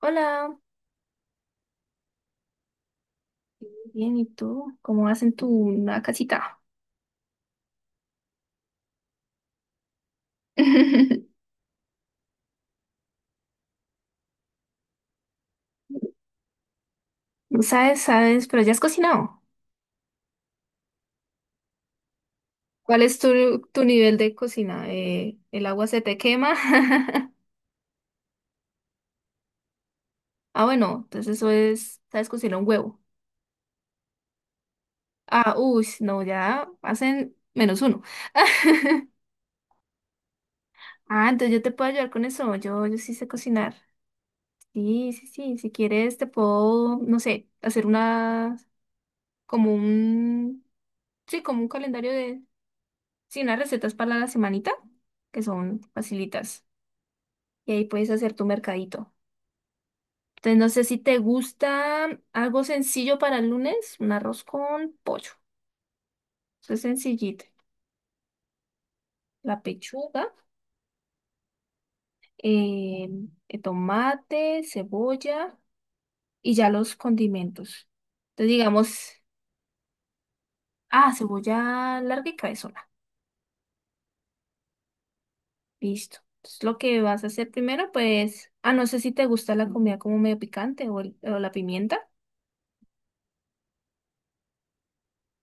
Hola, bien, ¿y tú? ¿Cómo vas en tu nueva casita? No sabes, sabes, pero ya has cocinado. ¿Cuál es tu nivel de cocina? ¿El agua se te quema? Ah, bueno, entonces eso es, sabes cocinar un huevo. Ah, uy, no, ya hacen menos uno. Ah, entonces yo te puedo ayudar con eso. Yo sí sé cocinar. Sí, sí, sí. Si quieres, te puedo, no sé, hacer como un, sí, como un calendario de, sí, unas recetas para la semanita, que son facilitas. Y ahí puedes hacer tu mercadito. Entonces, no sé si te gusta algo sencillo para el lunes, un arroz con pollo. Eso es sencillito. La pechuga, eh, el tomate, cebolla y ya los condimentos. Entonces, digamos, ah, cebolla larga y cabezona. Listo. Entonces, lo que vas a hacer primero, pues, ah, no sé si te gusta la comida como medio picante o, o la pimienta.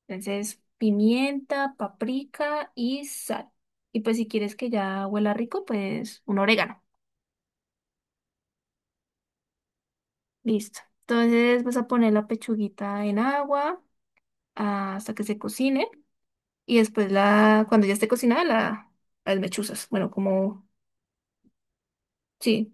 Entonces, pimienta, paprika y sal. Y pues si quieres que ya huela rico, pues un orégano. Listo. Entonces vas a poner la pechuguita en agua hasta que se cocine. Y después cuando ya esté cocinada, la, las mechuzas. Bueno, como, sí.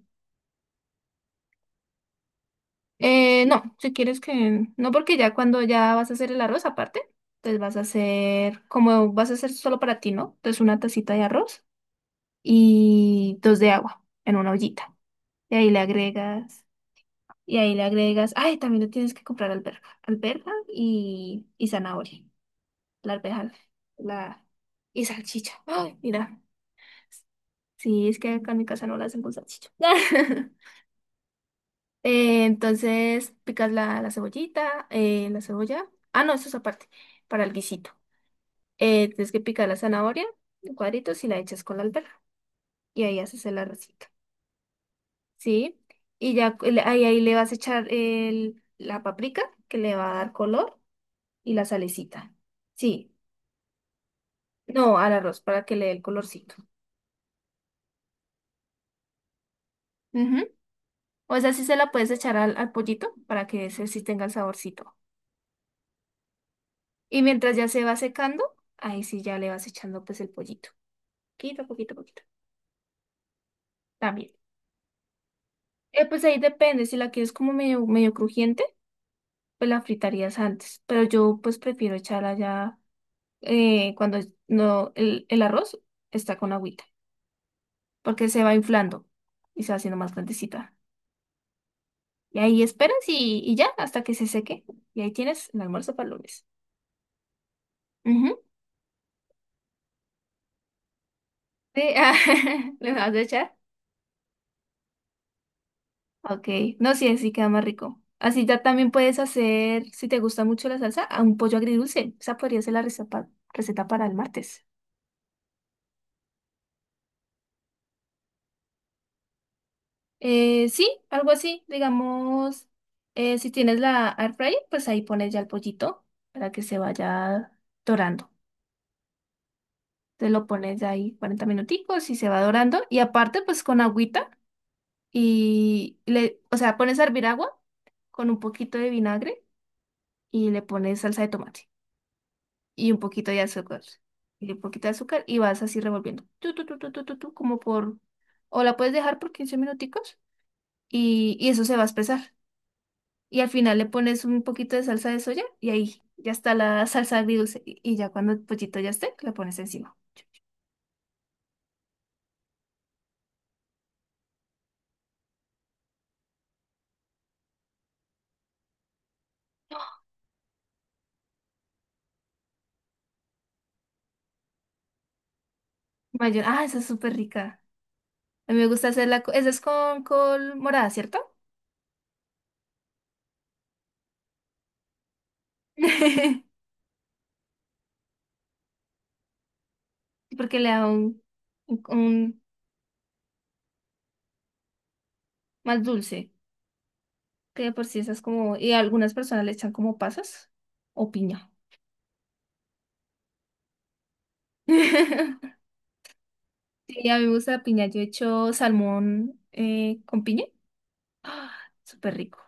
No, si quieres que, no porque ya cuando ya vas a hacer el arroz aparte, entonces vas a hacer, como vas a hacer solo para ti, ¿no? Entonces una tacita de arroz y dos de agua en una ollita. Y ahí le agregas. Y ahí le agregas, ay, también le tienes que comprar alberja y zanahoria, la alberja, la y salchicha. Ay, mira, sí, es que acá en mi casa no la hacen con salchicha. Entonces picas la cebollita, la cebolla. Ah, no, eso es aparte, para el guisito. Tienes que picar la zanahoria en cuadritos y la echas con la alberja. Y ahí haces el arrocito, ¿sí? Y ya ahí, ahí le vas a echar la paprika que le va a dar color. Y la salecita. Sí, no, al arroz para que le dé el colorcito. Ujú. O esa sí se la puedes echar al pollito para que ese sí tenga el saborcito. Y mientras ya se va secando, ahí sí ya le vas echando pues el pollito. Poquito, poquito, poquito. También. Pues ahí depende, si la quieres como medio crujiente, pues la fritarías antes. Pero yo pues prefiero echarla ya cuando no, el arroz está con agüita, porque se va inflando y se va haciendo más grandecita. Y ahí esperas y ya, hasta que se seque. Y ahí tienes el almuerzo para el lunes. Ujú. Sí, ah, ¿le vas a echar? Ok, no, sí, así queda más rico. Así ya también puedes hacer, si te gusta mucho la salsa, a un pollo agridulce. Esa podría ser receta para el martes. Sí, algo así, digamos, si tienes la air fryer, pues ahí pones ya el pollito para que se vaya dorando. Te lo pones ahí 40 minuticos y se va dorando. Y aparte, pues con agüita. Y o sea, pones a hervir agua con un poquito de vinagre y le pones salsa de tomate y un poquito de azúcar y un poquito de azúcar y vas así revolviendo. Tu, como por... O la puedes dejar por 15 minuticos y eso se va a espesar. Y al final le pones un poquito de salsa de soya y ahí ya está la salsa agridulce. Y ya cuando el pollito ya esté, la pones encima. Mayor, ah, esa es súper rica. A mí me gusta hacerla. Esa es con col morada, ¿cierto? Porque le da un más dulce, que de por sí esas como, y a algunas personas le echan como pasas o piña. Sí, a mí me gusta la piña, yo he hecho salmón con piña, ¡ah! Súper rico.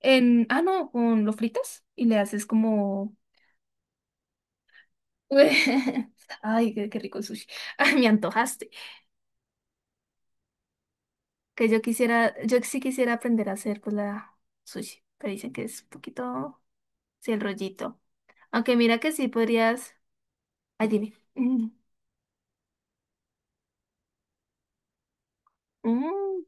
No, con lo fritas y le haces como... Ay, qué, qué rico el sushi. Ay, me antojaste. Que yo quisiera, yo sí quisiera aprender a hacer pues la sushi, pero dicen que es un poquito, sí, el rollito. Aunque mira que sí podrías ay, dime. Mm, mm.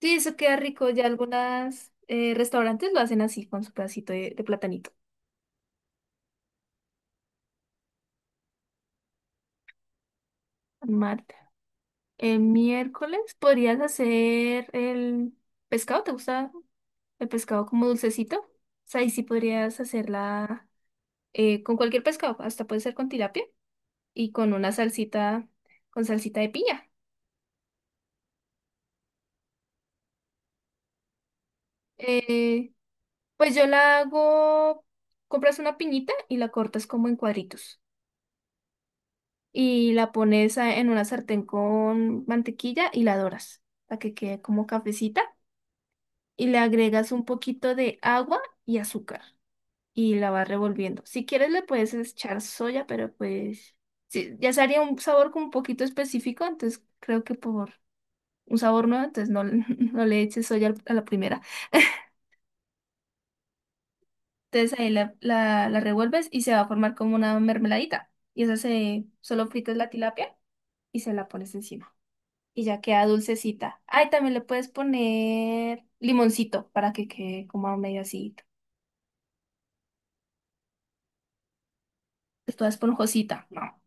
Sí, eso queda rico. Ya algunos restaurantes lo hacen así, con su pedacito de platanito. Marta. El miércoles podrías hacer el pescado. ¿Te gusta el pescado como dulcecito? O sea, ahí sí podrías hacerla con cualquier pescado. Hasta puede ser con tilapia y con con salsita de piña. Eh, pues yo la hago, compras una piñita y la cortas como en cuadritos. Y la pones en una sartén con mantequilla y la doras para que quede como cafecita y le agregas un poquito de agua y azúcar y la vas revolviendo. Si quieres le puedes echar soya, pero pues sí, ya se haría un sabor como un poquito específico, entonces creo que por un sabor nuevo, entonces no, no le eches soya a la primera. Entonces ahí la revuelves y se va a formar como una mermeladita. Y esa se, solo fritas la tilapia y se la pones encima. Y ya queda dulcecita. Ay, también le puedes poner limoncito para que quede como medio así, pues toda esponjosita. No.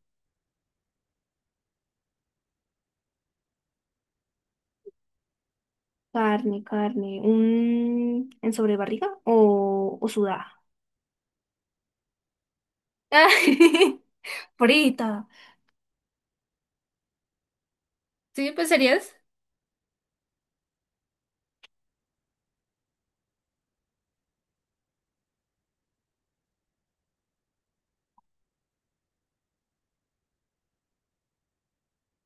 Carne, carne. ¿Un en sobrebarriga o sudada? Ay, frita. Sí, pues serías.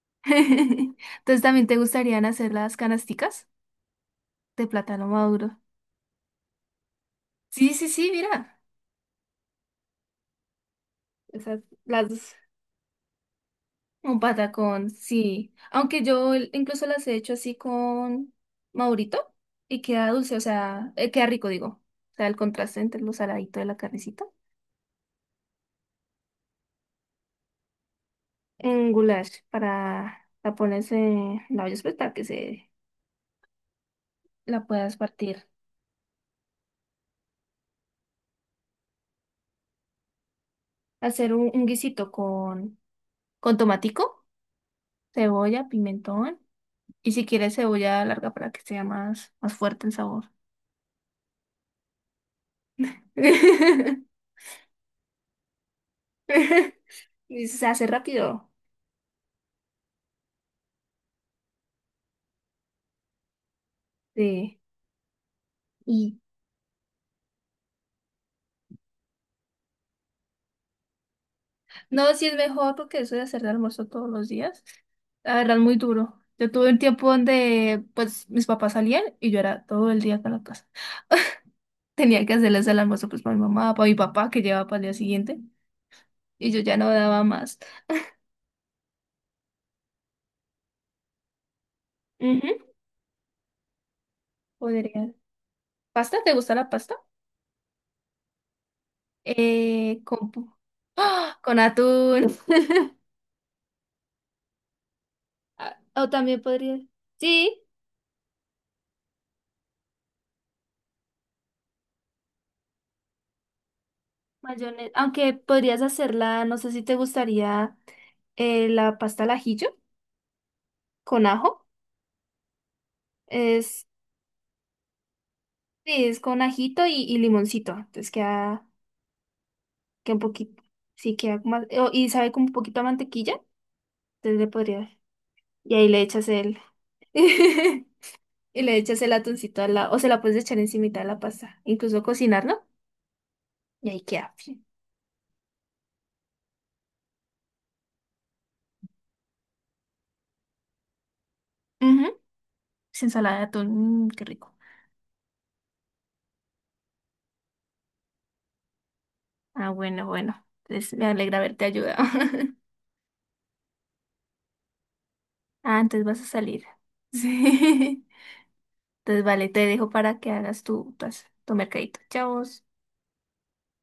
Entonces, ¿también te gustarían hacer las canasticas de plátano maduro? Sí, sí, sí, mira. Esas, las dos. Un patacón, sí. Aunque yo incluso las he hecho así con Maurito y queda dulce, o sea, queda rico, digo. O sea, el contraste entre lo saladito de la carnecita. Un goulash para la pones en la olla pues, para que se la puedas partir. Hacer un guisito con tomatico, cebolla, pimentón y si quieres cebolla larga para que sea más, más fuerte el sabor. Y se hace rápido. Sí. Y no, sí es mejor porque eso de hacer de almuerzo todos los días, la verdad es muy duro. Yo tuve un tiempo donde pues mis papás salían y yo era todo el día acá en la casa. Tenía que hacerles el almuerzo pues para mi mamá, para mi papá que llevaba para el día siguiente y yo ya no daba más. Ujú, podría. ¿Pasta? ¿Te gusta la pasta? Eh, con, pu- con atún. Ah, o también podría. Sí, mayonesa. Aunque podrías hacerla, no sé si te gustaría la pasta al ajillo con ajo. Es Sí, es con ajito y limoncito. Entonces queda, queda un poquito. Sí, queda más. O y sabe como un poquito a mantequilla. Entonces le podría. Y ahí le echas el. Y le echas el atuncito a la. O se la puedes echar encimita de la pasta. Incluso cocinarlo. Y ahí queda. Sí. Ujú. Sí, ensalada de atún. Mm, qué rico. Ah, bueno, bueno. Entonces me alegra haberte ayudado. Ah, entonces vas a salir. Sí. Entonces vale, te dejo para que hagas tu mercadito. Chao.